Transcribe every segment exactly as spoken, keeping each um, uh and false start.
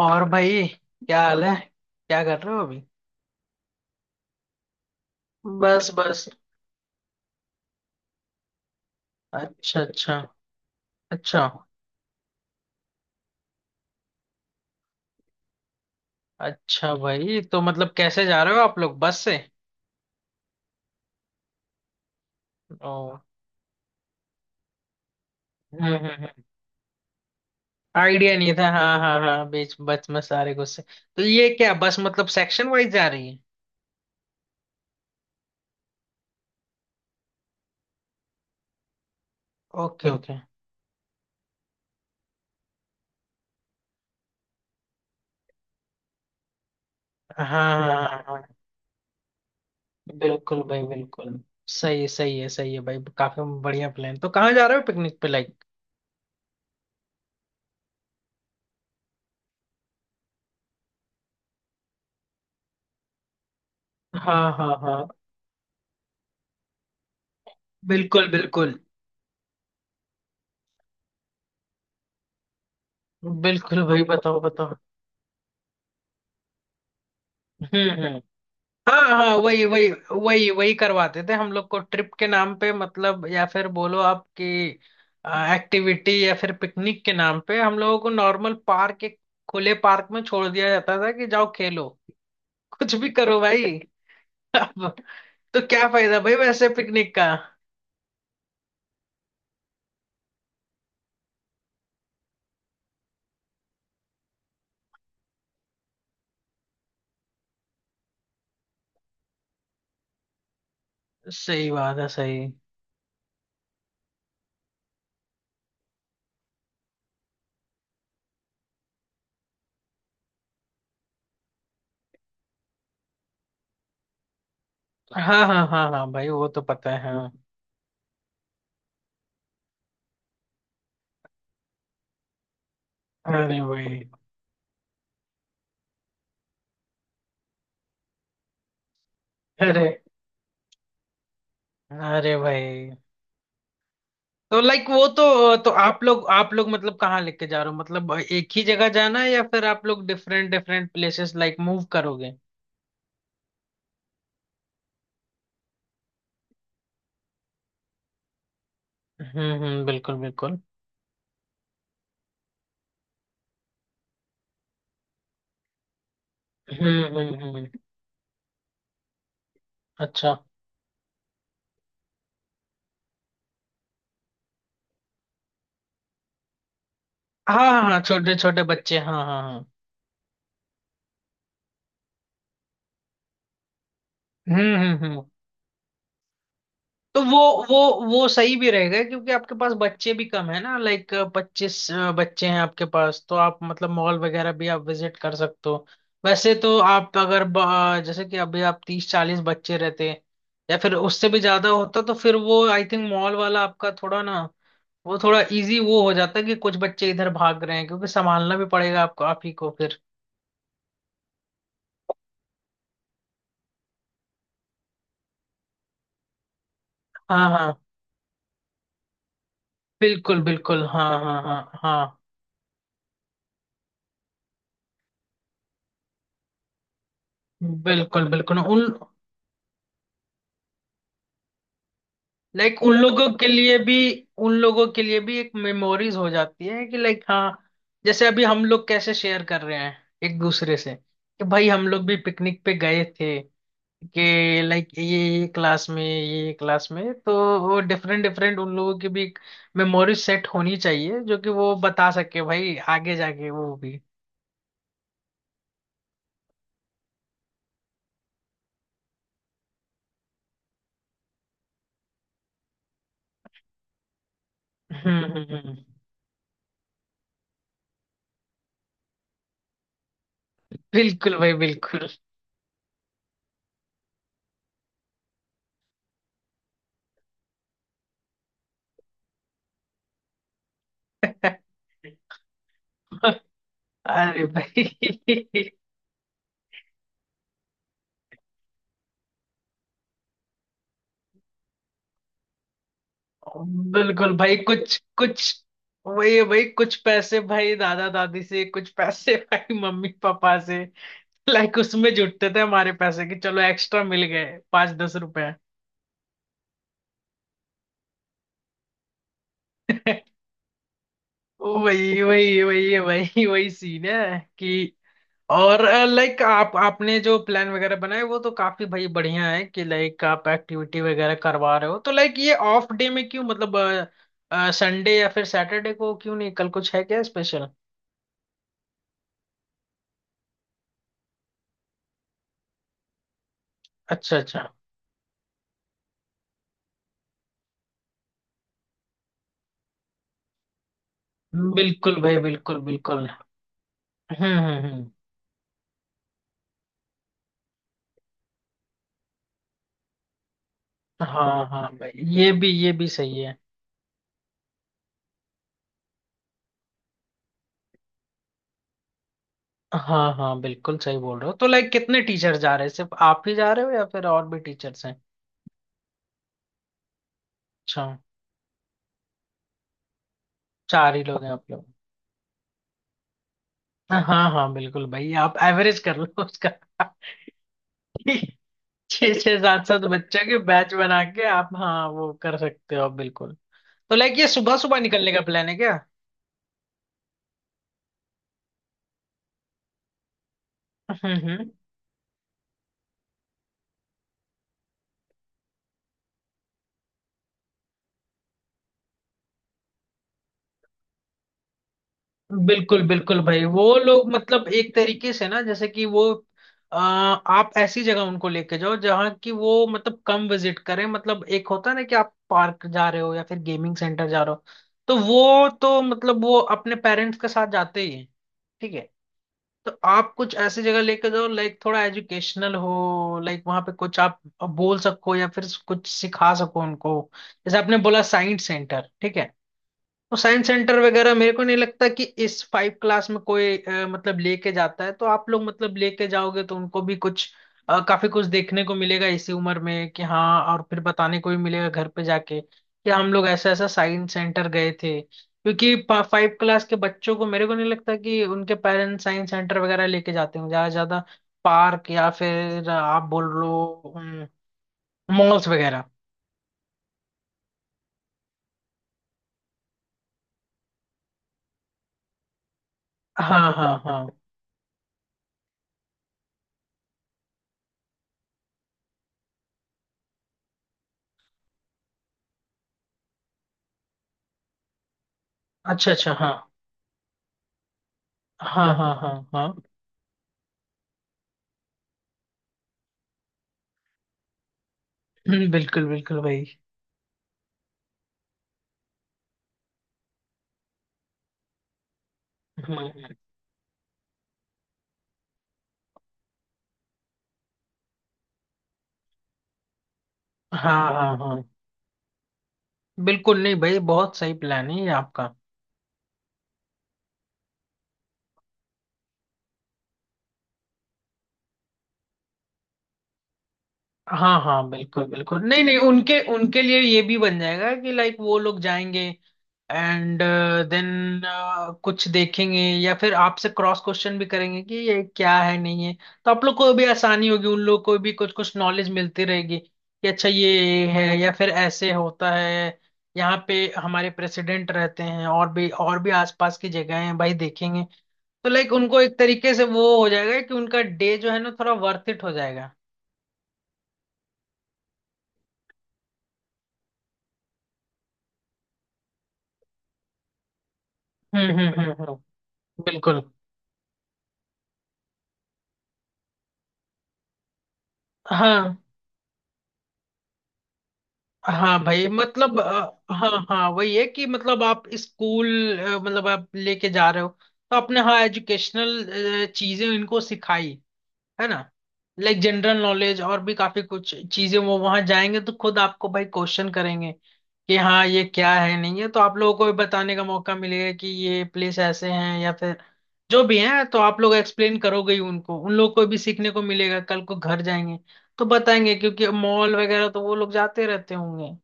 और भाई, क्या हाल है? क्या कर रहे हो अभी? बस बस। अच्छा अच्छा। अच्छा अच्छा भाई, तो मतलब कैसे जा रहे हो आप लोग, बस से? ओ। हम्म हम्म। आइडिया नहीं था। हाँ हाँ हाँ, बीच बस में सारे गुस्से। तो ये क्या बस मतलब सेक्शन वाइज जा रही है? Okay okay. हाँ हाँ हाँ हाँ। बिल्कुल भाई बिल्कुल। सही है, सही है, सही है भाई। काफी बढ़िया प्लान। तो कहाँ जा रहे हो पिकनिक पे, लाइक? हाँ हाँ हाँ। बिल्कुल बिल्कुल। बिल्कुल भाई, बताओ बताओ। हम्म हम्म। हाँ हाँ, वही वही वही वही करवाते थे हम लोग को ट्रिप के नाम पे मतलब, या फिर बोलो आपकी एक्टिविटी या फिर पिकनिक के नाम पे। हम लोगों को नॉर्मल पार्क, एक खुले पार्क में छोड़ दिया जाता था कि जाओ खेलो, कुछ भी करो भाई। अब तो क्या फायदा भाई वैसे पिकनिक का। सही बात है, सही। हाँ हाँ हाँ हाँ भाई, वो तो पता है हाँ। अरे भाई। अरे। अरे भाई, तो लाइक वो तो तो आप लोग, आप लोग मतलब कहाँ लेके जा रहे हो? मतलब एक ही जगह जाना है या फिर आप लोग different different places like move करोगे? हम्म हम्म, बिल्कुल बिल्कुल। हम्म हम्म हम्म। अच्छा। हाँ हाँ हाँ, छोटे छोटे बच्चे, हाँ हाँ हाँ। हम्म हम्म हम्म। तो वो वो वो सही भी रहेगा क्योंकि आपके पास बच्चे भी कम है ना, लाइक पच्चीस बच्चे हैं आपके पास। तो आप मतलब मॉल वगैरह भी आप विजिट कर सकते हो। वैसे तो आप अगर ब- अ, जैसे कि अभी आप तीस चालीस बच्चे रहते या फिर उससे भी ज्यादा होता, तो फिर वो आई थिंक मॉल वाला आपका थोड़ा ना, वो थोड़ा इजी वो हो जाता कि कुछ बच्चे इधर भाग रहे हैं, क्योंकि संभालना भी पड़ेगा आपको, आप ही को फिर। हाँ हाँ बिल्कुल बिल्कुल। हाँ हाँ हाँ हाँ। बिल्कुल बिल्कुल। उन, लाइक उन लोगों के लिए भी, उन लोगों के लिए भी एक मेमोरीज हो जाती है कि लाइक हाँ, जैसे अभी हम लोग कैसे शेयर कर रहे हैं एक दूसरे से कि भाई हम लोग भी पिकनिक पे गए थे, कि लाइक ये क्लास में, ये क्लास में। तो वो डिफरेंट डिफरेंट, उन लोगों की भी एक मेमोरी सेट होनी चाहिए जो कि वो बता सके भाई आगे जाके वो भी। हम्म हम्म, हम्म। बिल्कुल भाई बिल्कुल। अरे भाई। बिल्कुल भाई, कुछ कुछ वही है भाई, कुछ पैसे भाई दादा दादी से, कुछ पैसे भाई मम्मी पापा से, लाइक उसमें जुटते थे हमारे पैसे कि चलो एक्स्ट्रा मिल गए पाँच दस रुपए। वही वही वही वही वही सीन है कि। और लाइक आप, आपने जो प्लान वगैरह बनाए वो तो काफी भाई बढ़िया है कि लाइक आप एक्टिविटी वगैरह करवा रहे हो। तो लाइक ये ऑफ डे में क्यों, मतलब संडे या फिर सैटरडे को क्यों नहीं? कल कुछ है क्या स्पेशल? अच्छा अच्छा। बिल्कुल भाई, बिल्कुल बिल्कुल। हम्म हम्म हम्म। हाँ हाँ भाई, ये भी, ये भी सही है। हाँ हाँ बिल्कुल, सही बोल रहे हो। तो लाइक कितने टीचर जा रहे हैं? सिर्फ आप ही जा रहे हो या फिर और भी टीचर्स हैं? अच्छा। चार ही लोग हैं आप लोग। हाँ हाँ बिल्कुल भाई, आप एवरेज कर लो उसका। छः छः सात सात बच्चों के बैच बना के आप, हाँ वो कर सकते हो आप बिल्कुल। तो लाइक ये सुबह सुबह निकलने का प्लान है क्या? हम्म हम्म। बिल्कुल बिल्कुल भाई, वो लोग मतलब एक तरीके से ना, जैसे कि वो, अ, आप ऐसी जगह उनको लेके जाओ जहाँ की वो मतलब कम विजिट करें। मतलब एक होता है ना कि आप पार्क जा रहे हो या फिर गेमिंग सेंटर जा रहे हो, तो वो तो मतलब वो अपने पेरेंट्स के साथ जाते ही हैं। ठीक है। तो आप कुछ ऐसी जगह लेके जाओ लाइक थोड़ा एजुकेशनल हो, लाइक वहाँ पे कुछ आप बोल सको या फिर कुछ सिखा सको उनको। जैसे आपने बोला साइंस सेंटर, ठीक है। तो साइंस सेंटर वगैरह मेरे को नहीं लगता कि इस फाइव क्लास में कोई अ, मतलब लेके जाता है। तो आप लोग मतलब लेके जाओगे तो उनको भी कुछ, अ, काफी कुछ देखने को मिलेगा इसी उम्र में कि हाँ, और फिर बताने को भी मिलेगा घर पे जाके कि हम लोग ऐसा ऐसा साइंस सेंटर गए थे। क्योंकि फाइव क्लास के बच्चों को मेरे को नहीं लगता कि उनके पेरेंट्स साइंस सेंटर वगैरह लेके जाते होंगे, ज्यादा से ज्यादा पार्क या फिर आप बोल लो मॉल्स वगैरह। हाँ हाँ हाँ। अच्छा अच्छा। हाँ हाँ हाँ हाँ हाँ। हम्म, बिल्कुल बिल्कुल भाई। हम्म, हाँ हाँ हाँ। बिल्कुल नहीं भाई, बहुत सही प्लान है ये आपका। हाँ हाँ बिल्कुल बिल्कुल, नहीं नहीं, उनके, उनके लिए ये भी बन जाएगा कि लाइक वो लोग जाएंगे एंड देन कुछ देखेंगे या फिर आपसे क्रॉस क्वेश्चन भी करेंगे कि ये क्या है, नहीं है। तो आप लोग को भी आसानी होगी, उन लोग को भी कुछ कुछ नॉलेज मिलती रहेगी कि अच्छा, ये है या फिर ऐसे होता है, यहाँ पे हमारे प्रेसिडेंट रहते हैं, और भी, और भी आसपास की जगह हैं भाई, देखेंगे। तो लाइक उनको एक तरीके से वो हो जाएगा कि उनका डे जो है ना, थोड़ा वर्थ इट हो जाएगा। हम्म हम्म हम्म हम्म, बिल्कुल। हाँ हाँ भाई मतलब अ, हाँ हाँ वही है कि मतलब आप स्कूल, अ, मतलब आप लेके जा रहे हो तो आपने हाँ एजुकेशनल चीजें इनको सिखाई, है ना, लाइक जनरल नॉलेज और भी काफी कुछ चीजें। वो वहां जाएंगे तो खुद आपको भाई क्वेश्चन करेंगे कि हाँ ये क्या है, नहीं है। तो आप लोगों को भी बताने का मौका मिलेगा कि ये प्लेस ऐसे हैं या फिर जो भी हैं, तो आप लोग एक्सप्लेन करोगे ही उनको, उन लोग को भी सीखने को मिलेगा। कल को घर जाएंगे तो बताएंगे, क्योंकि मॉल वगैरह तो वो लोग जाते रहते होंगे।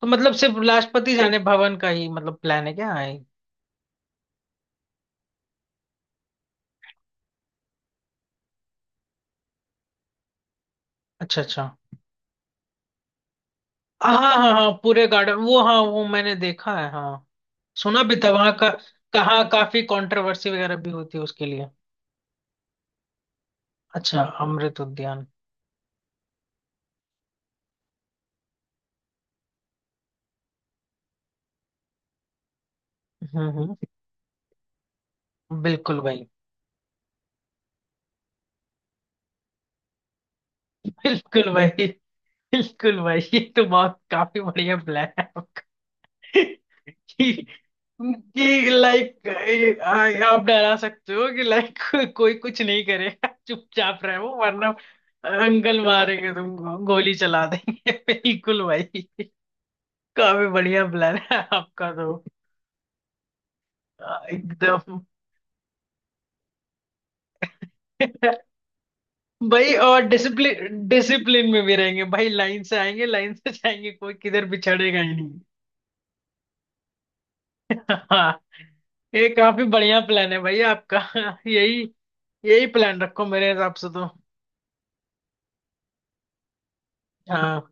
तो मतलब सिर्फ राष्ट्रपति जाने भवन का ही मतलब प्लान है क्या है? अच्छा अच्छा। हाँ हाँ हाँ, पूरे गार्डन, वो हाँ वो मैंने देखा है हाँ, सुना भी था वहाँ का, कहाँ काफी कंट्रोवर्सी वगैरह भी होती है उसके लिए। अच्छा, अमृत उद्यान। हम्म हम्म। बिल्कुल भाई। बिल्कुल भाई। बिल्कुल भाई, ये तो बहुत काफी बढ़िया प्लान है आपका। कि लाइक आप डरा सकते हो कि लाइक कोई कुछ नहीं करेगा, चुपचाप रहो वरना अंकल मारेंगे, तुमको गोली चला देंगे। बिल्कुल भाई, काफी बढ़िया प्लान है आपका। तो अ, एकदम। भाई और डिसिप्लिन डिसिप्लिन में भी रहेंगे भाई, लाइन से आएंगे लाइन से जाएंगे, कोई किधर बिछड़ेगा ही नहीं। हाँ, ये काफी बढ़िया प्लान है भाई आपका। यही, यही प्लान रखो मेरे हिसाब से तो। हाँ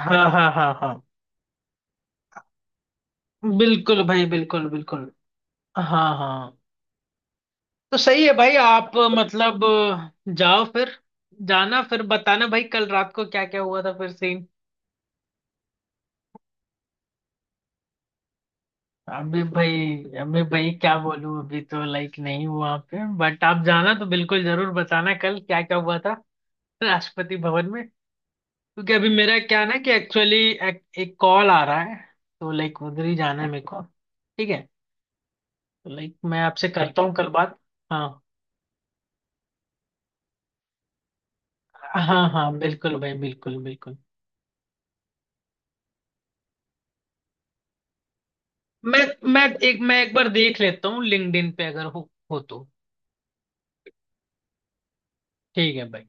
हाँ हाँ हाँ हाँ बिल्कुल भाई, बिल्कुल बिल्कुल। हाँ हाँ। तो सही है भाई, आप मतलब जाओ फिर। जाना फिर, बताना भाई कल रात को क्या क्या हुआ था फिर सीन। अभी भाई, अभी भाई क्या बोलूं, अभी तो लाइक नहीं हुआ वहाँ पे, बट आप जाना तो बिल्कुल जरूर बताना कल क्या क्या हुआ था राष्ट्रपति भवन में। क्योंकि अभी मेरा क्या है ना कि एक्चुअली एक, एक कॉल आ रहा है, तो लाइक उधर ही जाना है मेरे को। ठीक है, तो लाइक मैं आपसे करता हूँ कल बात। हाँ हाँ हाँ बिल्कुल भाई, बिल्कुल बिल्कुल। मैं मैं एक, मैं एक बार देख लेता हूँ लिंक्डइन पे अगर हो हो तो। ठीक है भाई।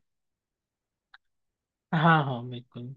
हाँ हाँ बिल्कुल।